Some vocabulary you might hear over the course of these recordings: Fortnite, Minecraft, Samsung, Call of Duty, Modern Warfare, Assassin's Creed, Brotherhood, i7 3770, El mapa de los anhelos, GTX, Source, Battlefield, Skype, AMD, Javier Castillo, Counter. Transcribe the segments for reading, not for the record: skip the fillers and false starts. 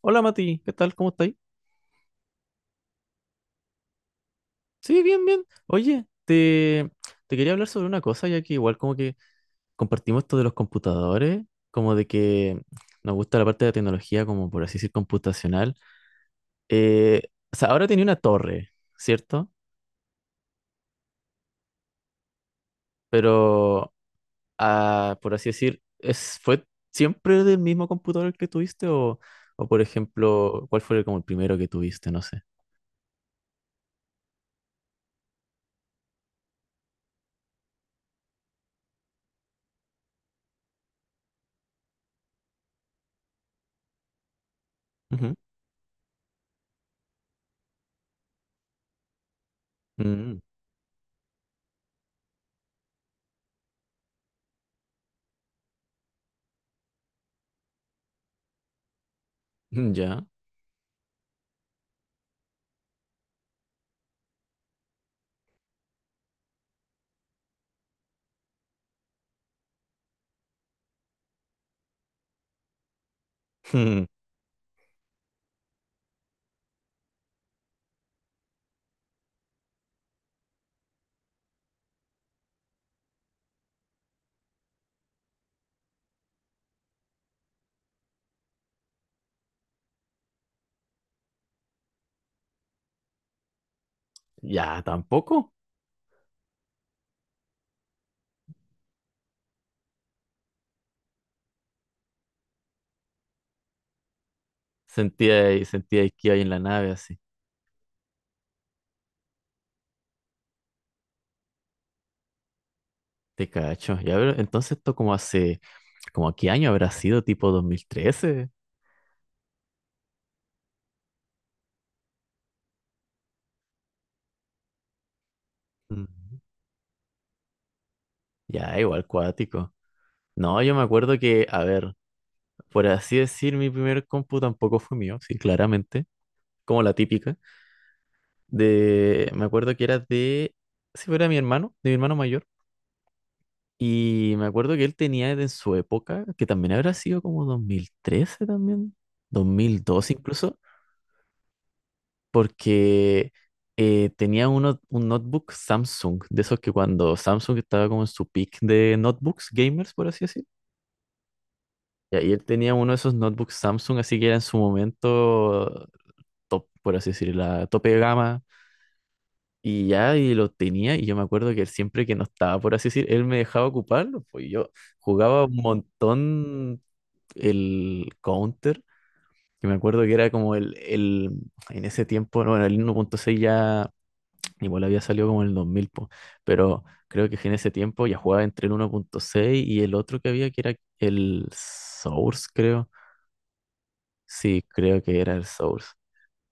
Hola Mati, ¿qué tal? ¿Cómo estáis? Sí, bien, bien. Oye, te quería hablar sobre una cosa, ya que igual como que compartimos esto de los computadores, como de que nos gusta la parte de la tecnología, como por así decir, computacional. Eh, o sea, ahora tenía una torre, ¿cierto? Pero, por así decir, ¿fue siempre del mismo computador el que tuviste? O, por ejemplo, ¿cuál fue como el primero que tuviste? No sé. Ujú. Mm, ya. Ya, tampoco. Sentía que iba en la nave así. Te cacho. Ya, pero entonces esto como hace, como a qué año habrá sido, tipo 2013. Ujú. Ya, igual cuático. No, yo me acuerdo que, a ver, por así decir, mi primer compu tampoco fue mío, sí, claramente, como la típica. De, me acuerdo que era de, si era mi hermano, de mi hermano mayor. Y me acuerdo que él tenía en su época, que también habrá sido como 2013 también, 2002 incluso, porque tenía un notebook Samsung, de esos que cuando Samsung estaba como en su peak de notebooks gamers, por así decir. Ya, y ahí él tenía uno de esos notebooks Samsung, así que era en su momento top, por así decir, la tope de gama. Y ya, y lo tenía, y yo me acuerdo que él siempre que no estaba, por así decir, él me dejaba ocuparlo, pues yo jugaba un montón el Counter, que me acuerdo que era como el en ese tiempo, bueno, el 1.6 ya. Igual había salido como en el 2000 po, pero creo que en ese tiempo ya jugaba entre el 1.6 y el otro que había, que era el Source, creo. Sí, creo que era el Source.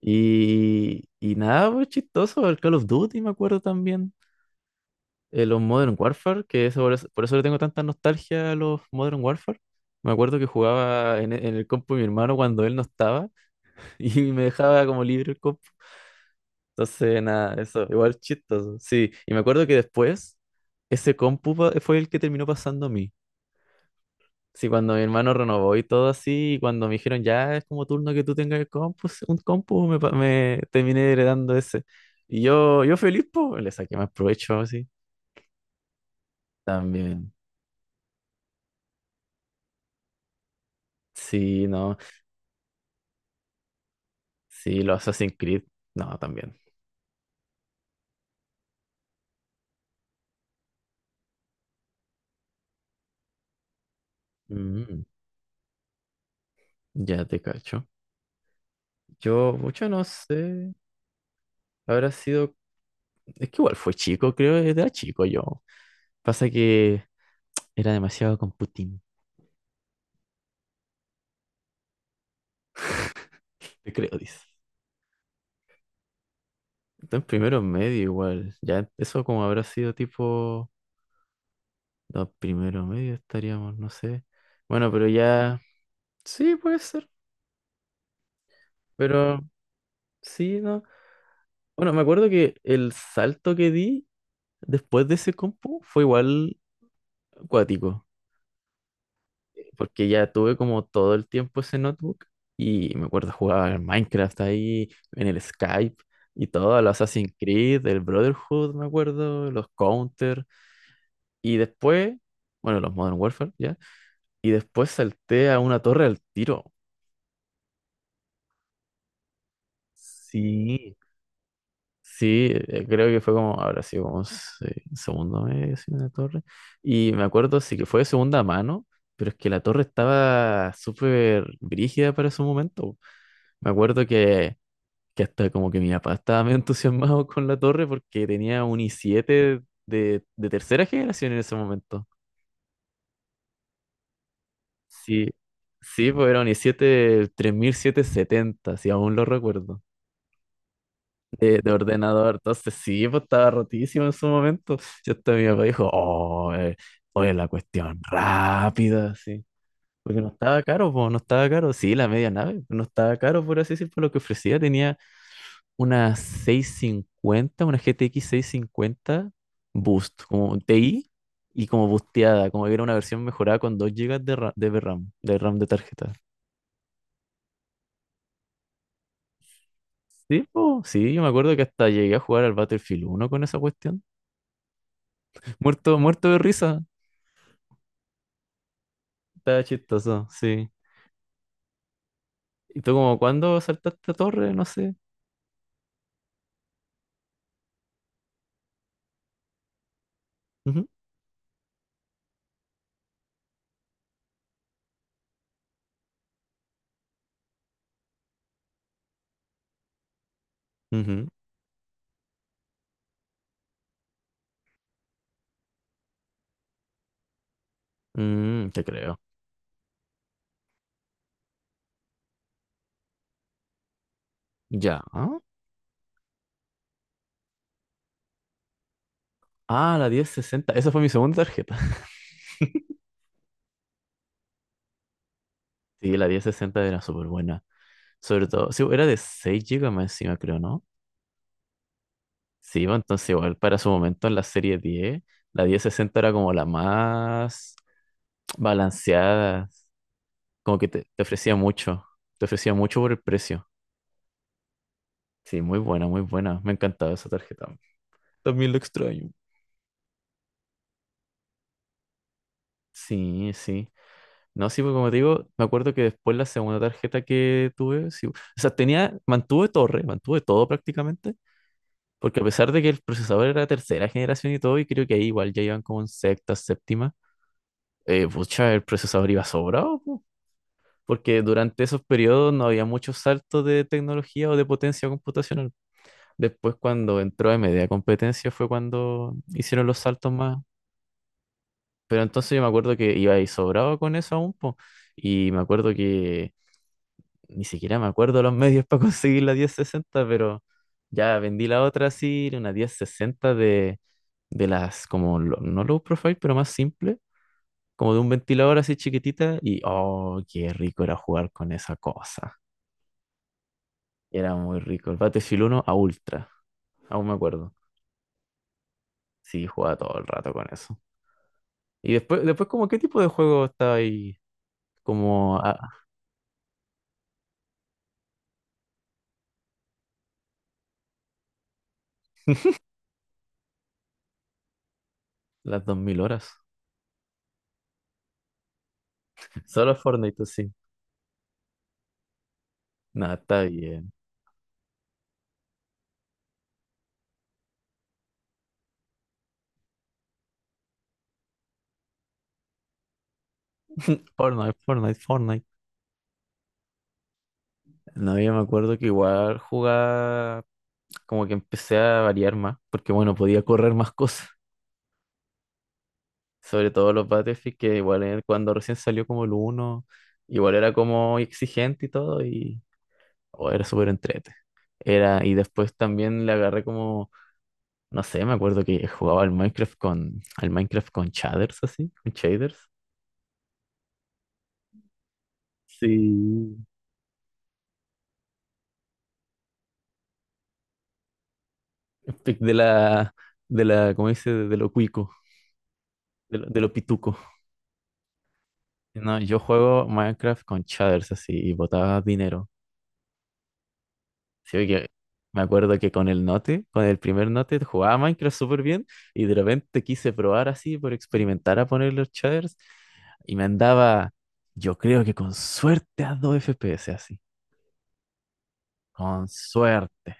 Y nada, pues chistoso, el Call of Duty me acuerdo también. Los Modern Warfare, que por eso le tengo tanta nostalgia a los Modern Warfare. Me acuerdo que jugaba en, en el compu de mi hermano cuando él no estaba y me dejaba como libre el compu. Entonces, nada, eso, igual chistoso. Sí, y me acuerdo que después ese compu fue el que terminó pasando a mí. Sí, cuando mi hermano renovó y todo así, y cuando me dijeron, ya es como turno que tú tengas el compu, sí, un compu, me terminé heredando ese. Y yo feliz, pues, le saqué más provecho así. También. Sí, no. Sí, los Assassin's Creed. No, también. Mm, ya te cacho. Yo mucho no sé. Habrá sido. Es que igual fue chico, creo, era chico yo. Pasa que era demasiado con Putin, te creo, dice. Está en primero medio igual. Ya, eso como habrá sido tipo. No, primero medio estaríamos, no sé. Bueno, pero ya. Sí, puede ser. Pero sí, no. Bueno, me acuerdo que el salto que di después de ese compu fue igual acuático. Porque ya tuve como todo el tiempo ese notebook y me acuerdo jugar al Minecraft ahí, en el Skype y todo, el Assassin's Creed, el Brotherhood, me acuerdo, los Counter y después, bueno, los Modern Warfare, ya, y después salté a una torre al tiro. Sí. Sí, creo que fue como, ahora sí, como segundo mes en una torre. Y me acuerdo, sí que fue de segunda mano, pero es que la torre estaba súper brígida para su momento. Me acuerdo que hasta como que mi papá estaba medio entusiasmado con la torre porque tenía un i7 de tercera generación en ese momento. Sí, sí, pues era un i7 3770, si aún lo recuerdo, de ordenador. Entonces sí, pues estaba rotísimo en su momento. Y hasta mi papá dijo, oh, oye, la cuestión rápida, sí. Porque no estaba caro, pues no estaba caro. Sí, la media nave no estaba caro, por así decir, por lo que ofrecía. Tenía una 650 una GTX cincuenta Boost, como TI y como boosteada, como que era una versión mejorada con 2 gigas de RAM, de RAM de tarjeta. Sí, po, sí, yo me acuerdo que hasta llegué a jugar al Battlefield 1 con esa cuestión. Muerto, muerto de risa, estaba chistoso, sí. ¿Y tú como cuándo saltaste a torre? No sé. Ujú, ujú. Mm, te creo. Ya. Ah, la 1060. Esa fue mi segunda tarjeta. Sí, la 1060 era súper buena. Sobre todo, sí era de 6 gigas más encima, creo, ¿no? Sí, bueno, entonces igual para su momento en la serie 10 la 1060 era como la más balanceada, como que te ofrecía mucho, te ofrecía mucho por el precio. Sí, muy buena, me encantaba esa tarjeta. También lo extraño. Sí, sí. No, sí, porque como te digo, me acuerdo que después la segunda tarjeta que tuve, sí, o sea, tenía, mantuve torre, mantuve todo prácticamente. Porque a pesar de que el procesador era tercera generación y todo, y creo que ahí igual ya iban como en sexta, séptima, pucha, el procesador iba sobrado, po, porque durante esos periodos no había muchos saltos de tecnología o de potencia computacional. Después cuando entró AMD a competencia fue cuando hicieron los saltos más. Pero entonces yo me acuerdo que iba ahí sobrado con eso aún, po, y me acuerdo que ni siquiera me acuerdo los medios para conseguir la 1060 pero ya vendí la otra así, era una 1060 de las como, no low profile, pero más simple, como de un ventilador así chiquitita, y oh, qué rico era jugar con esa cosa. Era muy rico. El Battlefield uno a ultra, aún me acuerdo. Sí, jugaba todo el rato con eso. Y después como, ¿qué tipo de juego estaba ahí? Como a las 2000 horas. Solo Fortnite, pues sí. Nada, está bien. Fortnite, Fortnite, Fortnite. No, yo me acuerdo que igual jugaba, como que empecé a variar más, porque bueno, podía correr más cosas, sobre todo los Battlefield, que igual cuando recién salió como el uno igual era como exigente y todo, y oh, era súper entrete. Era, y después también le agarré como, no sé, me acuerdo que jugaba al Minecraft con shaders así, con shaders. Sí. Pic de la, de la, ¿cómo dice? De lo cuico, de lo pituco. Sí, no, yo juego Minecraft con shaders así y botaba dinero. Sí, que me acuerdo que con el Note, con el primer Note, jugaba Minecraft súper bien y de repente quise probar así por experimentar a poner los shaders y me andaba, yo creo que con suerte a 2 FPS así. Con suerte.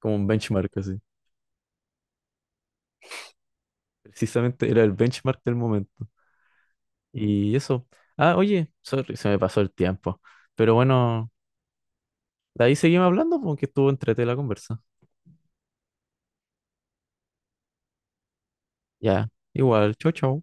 Como un benchmark así. Precisamente era el benchmark del momento. Y eso. Ah, oye, sorry, se me pasó el tiempo. Pero bueno, de ahí seguimos hablando porque estuvo entrete la conversa. Ya, igual, chau, chau.